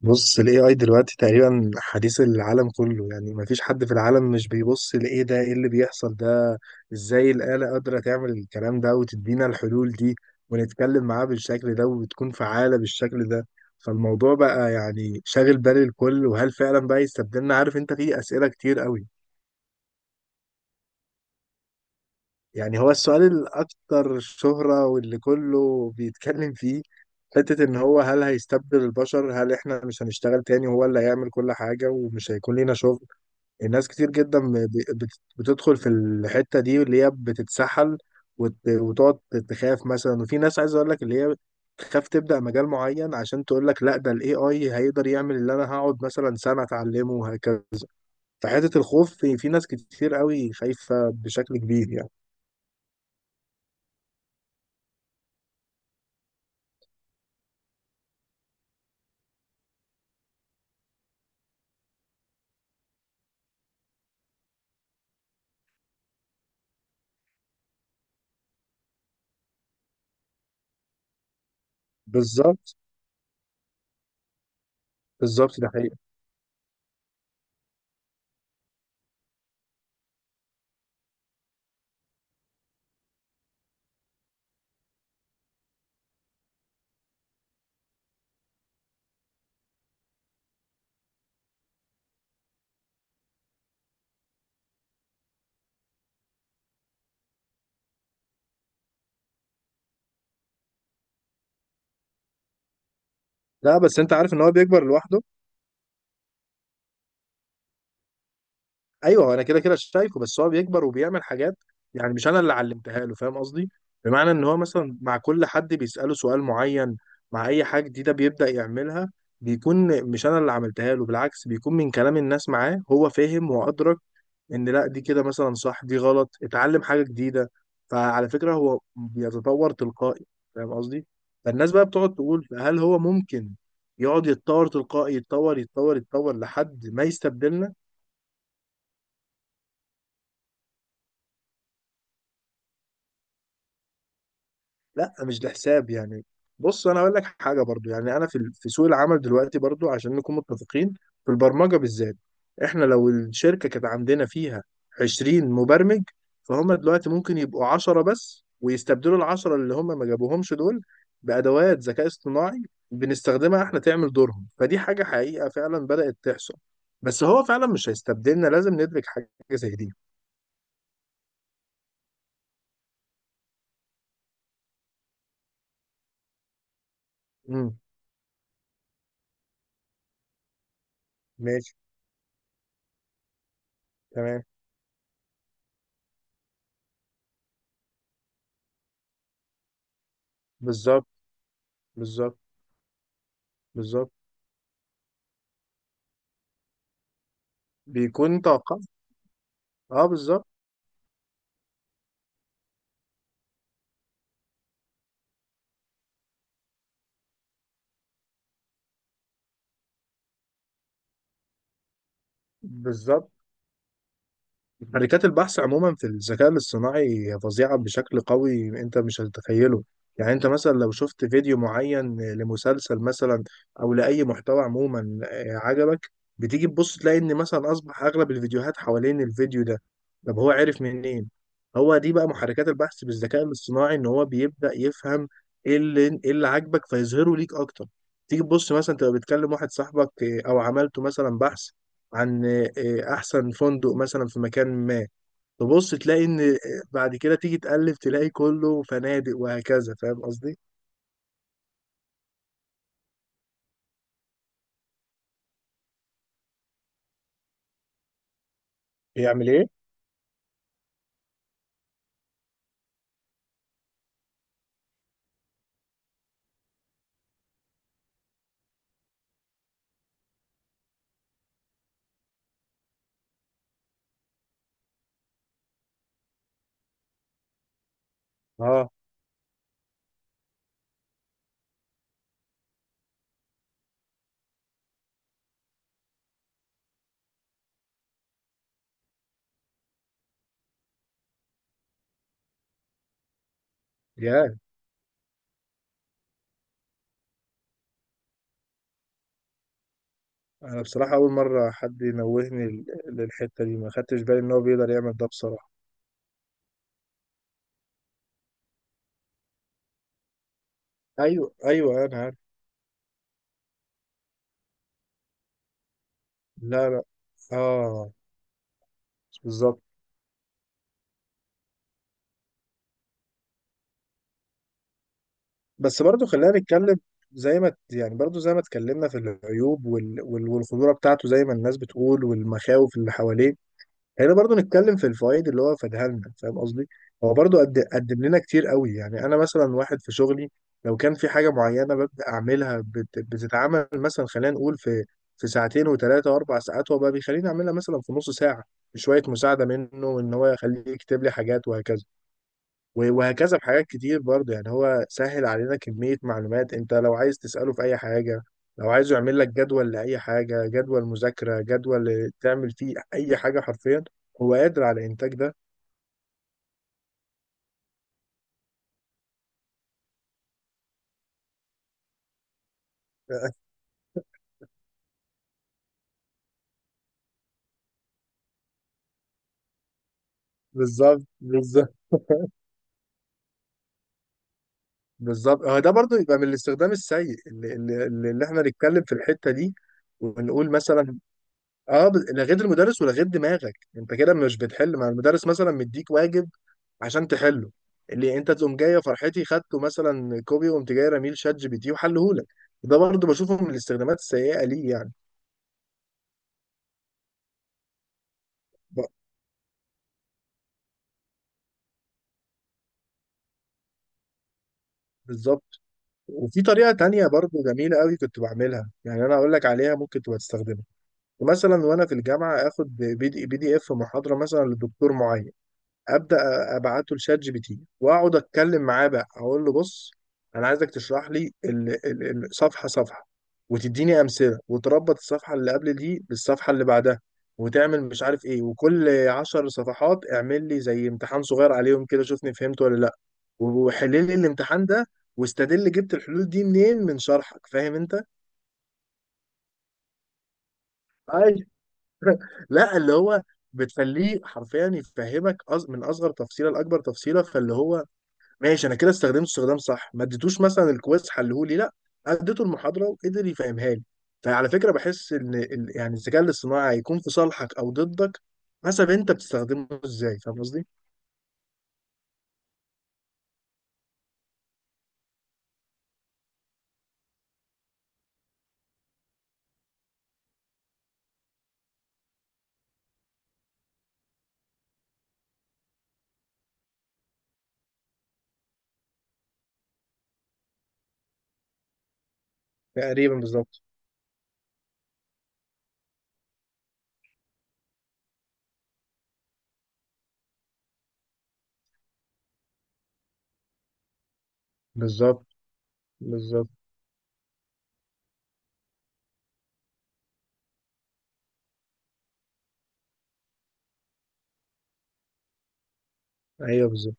بص ال AI دلوقتي تقريبا حديث العالم كله. مفيش حد في العالم مش بيبص لإيه ده، إيه اللي بيحصل ده، إزاي الآلة قادرة تعمل الكلام ده وتدينا الحلول دي ونتكلم معاه بالشكل ده وتكون فعالة بالشكل ده. فالموضوع بقى يعني شاغل بال الكل، وهل فعلا بقى يستبدلنا؟ عارف أنت، في أسئلة كتير قوي. يعني هو السؤال الأكثر شهرة واللي كله بيتكلم فيه حتة إن هو هل هيستبدل البشر؟ هل إحنا مش هنشتغل تاني وهو اللي هيعمل كل حاجة ومش هيكون لينا شغل؟ الناس كتير جدا بتدخل في الحتة دي اللي هي بتتسحل وتقعد تخاف مثلا، وفي ناس عايز اقول لك اللي هي تخاف تبدأ مجال معين عشان تقول لك لا ده الاي اي هيقدر يعمل اللي انا هقعد مثلا سنة اتعلمه وهكذا. فحتة الخوف في ناس كتير قوي خايفة بشكل كبير يعني. بالظبط، بالظبط، ده حقيقي. لا بس انت عارف ان هو بيكبر لوحده. ايوه انا كده كده شايفه، بس هو بيكبر وبيعمل حاجات يعني مش انا اللي علمتها له، فاهم قصدي؟ بمعنى ان هو مثلا مع كل حد بيساله سؤال معين، مع اي حاجه جديده بيبدا يعملها، بيكون مش انا اللي عملتها له. بالعكس بيكون من كلام الناس معاه هو فهم وادرك ان لا دي كده مثلا صح، دي غلط، اتعلم حاجه جديده. فعلى فكره هو بيتطور تلقائي، فاهم قصدي. فالناس بقى بتقعد تقول هل هو ممكن يقعد يتطور تلقائي، يتطور يتطور يتطور لحد ما يستبدلنا؟ لا مش ده حساب يعني. بص انا اقول لك حاجه برضو، يعني انا في سوق العمل دلوقتي برضو عشان نكون متفقين، في البرمجه بالذات، احنا لو الشركه كانت عندنا فيها 20 مبرمج، فهم دلوقتي ممكن يبقوا 10 بس ويستبدلوا العشرة اللي هم ما جابوهمش دول بادوات ذكاء اصطناعي بنستخدمها احنا تعمل دورهم. فدي حاجه حقيقه فعلا بدات تحصل. بس هو فعلا مش هيستبدلنا، لازم ندرك حاجه زي دي. امم ماشي. تمام. بالظبط، بالظبط، بالظبط. بيكون توقع. اه بالظبط. بالظبط. شركات البحث عموما في الذكاء الاصطناعي فظيعة بشكل قوي، انت مش هتتخيله. يعني انت مثلا لو شفت فيديو معين لمسلسل مثلا، او لأي محتوى عموما آه، عجبك، بتيجي تبص تلاقي ان مثلا اصبح اغلب الفيديوهات حوالين الفيديو ده. طب هو عرف منين؟ هو دي بقى محركات البحث بالذكاء الاصطناعي، ان هو بيبدأ يفهم ايه اللي، ايه اللي عاجبك فيظهره ليك اكتر. تيجي تبص مثلا تبقى بتكلم واحد صاحبك آه، او عملته مثلا بحث عن آه، احسن فندق مثلا في مكان ما، تبص تلاقي ان آه، بعد كده تيجي تقلب تلاقي كله فنادق وهكذا، فاهم قصدي. بيعمل ايه؟ اه. يا. انا بصراحة اول مرة حد ينوهني للحتة دي، ما خدتش بالي ان هو بيقدر يعمل ده بصراحة. ايوه ايوه انا عارف. لا لا. اه. بالظبط. بس برضو خلينا نتكلم، زي ما يعني برضو زي ما اتكلمنا في العيوب والخطورة بتاعته زي ما الناس بتقول والمخاوف اللي حواليه، هنا برضو نتكلم في الفوائد اللي هو فادها لنا، فاهم قصدي. هو برضو قد قدم لنا كتير قوي. يعني انا مثلا واحد في شغلي، لو كان في حاجه معينه ببدا اعملها بتتعمل مثلا، خلينا نقول في ساعتين وثلاثه واربع ساعات، هو بقى بيخليني اعملها مثلا في نص ساعه بشويه مساعده منه، ان هو يخليه يكتب لي حاجات وهكذا. وهكذا بحاجات كتير برضه. يعني هو سهل علينا كمية معلومات، انت لو عايز تسأله في اي حاجة، لو عايز يعمل لك جدول لأي حاجة، جدول مذاكرة، جدول تعمل فيه اي حاجة حرفيا، هو قادر على الانتاج ده. بالظبط، بالظبط، بالظبط، هو ده برضه يبقى من الاستخدام السيء اللي احنا نتكلم في الحتة دي، ونقول مثلا اه، لغيت المدرس ولغيت دماغك، انت كده مش بتحل. مع المدرس مثلا مديك واجب عشان تحله، اللي انت تقوم جايه فرحتي خدته مثلا كوبي وقمت جاي رميل شات جي بي تي وحلهولك، ده برضو بشوفه من الاستخدامات السيئه ليه يعني. ب- بالظبط. وفي طريقه تانية برضو جميله قوي كنت بعملها، يعني انا اقول لك عليها ممكن تبقى تستخدمها. مثلا وانا في الجامعه اخد بي دي اف محاضره مثلا لدكتور معين، ابدا، ابعته لشات جي بي تي واقعد اتكلم معاه بقى، اقول له بص انا عايزك تشرح لي الصفحه صفحه، وتديني امثله، وتربط الصفحه اللي قبل دي بالصفحه اللي بعدها، وتعمل مش عارف ايه، وكل 10 صفحات اعمل لي زي امتحان صغير عليهم كده شوفني فهمت ولا لا، وحل لي الامتحان ده، واستدل جبت الحلول دي منين من شرحك، فاهم انت؟ ايوه. لا اللي هو بتخليه حرفيا يفهمك من اصغر تفصيله لاكبر تفصيله، فاللي هو ماشي، انا كده استخدمت استخدام صح، ما اديتوش مثلا الكويز حلهولي لا، اديته المحاضره وقدر يفهمها لي. فعلى فكره بحس ان يعني الذكاء الاصطناعي هيكون في صالحك او ضدك حسب انت بتستخدمه ازاي، فاهم قصدي. تقريبا بالظبط. بالظبط، بالظبط. ايوه بالظبط.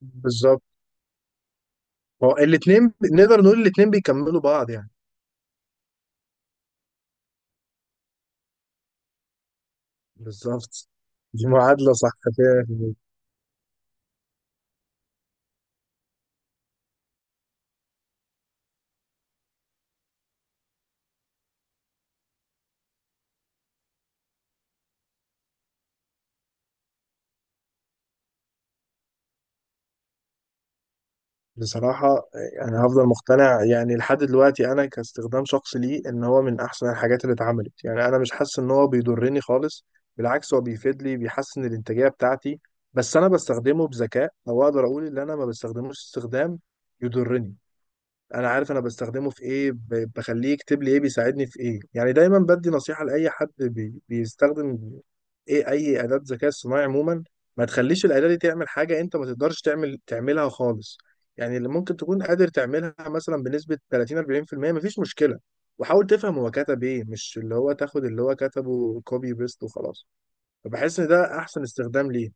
بالظبط. هو الاثنين، نقدر نقول الاثنين بيكملوا بعض يعني. بالظبط. دي معادله صح فعلا. بصراحة أنا هفضل مقتنع يعني لحد دلوقتي أنا كاستخدام شخصي ليه إن هو من أحسن الحاجات اللي اتعملت. يعني أنا مش حاسس إن هو بيضرني خالص، بالعكس هو بيفيد لي، بيحسن الإنتاجية بتاعتي، بس أنا بستخدمه بذكاء، أو أقدر أقول إن أنا ما بستخدموش استخدام يضرني. انا عارف انا بستخدمه في ايه، بخليه يكتب لي ايه، بيساعدني في ايه. يعني دايما بدي نصيحة لاي حد بيستخدم ايه اي اداة ذكاء اصطناعي عموما، ما تخليش الاداة دي تعمل حاجة انت ما تقدرش تعمل تعملها خالص. يعني اللي ممكن تكون قادر تعملها مثلا بنسبة 30 40% مفيش مشكلة، وحاول تفهم هو كتب ايه، مش اللي هو تاخد اللي هو كتبه كوبي بيست وخلاص. فبحس ان ده احسن استخدام ليه.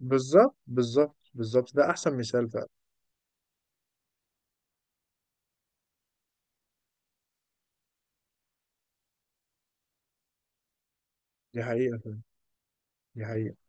بالظبط. بالظبط، بالظبط ده احسن مثال فعلا. دي حقيقة فعلا. دي حقيقة.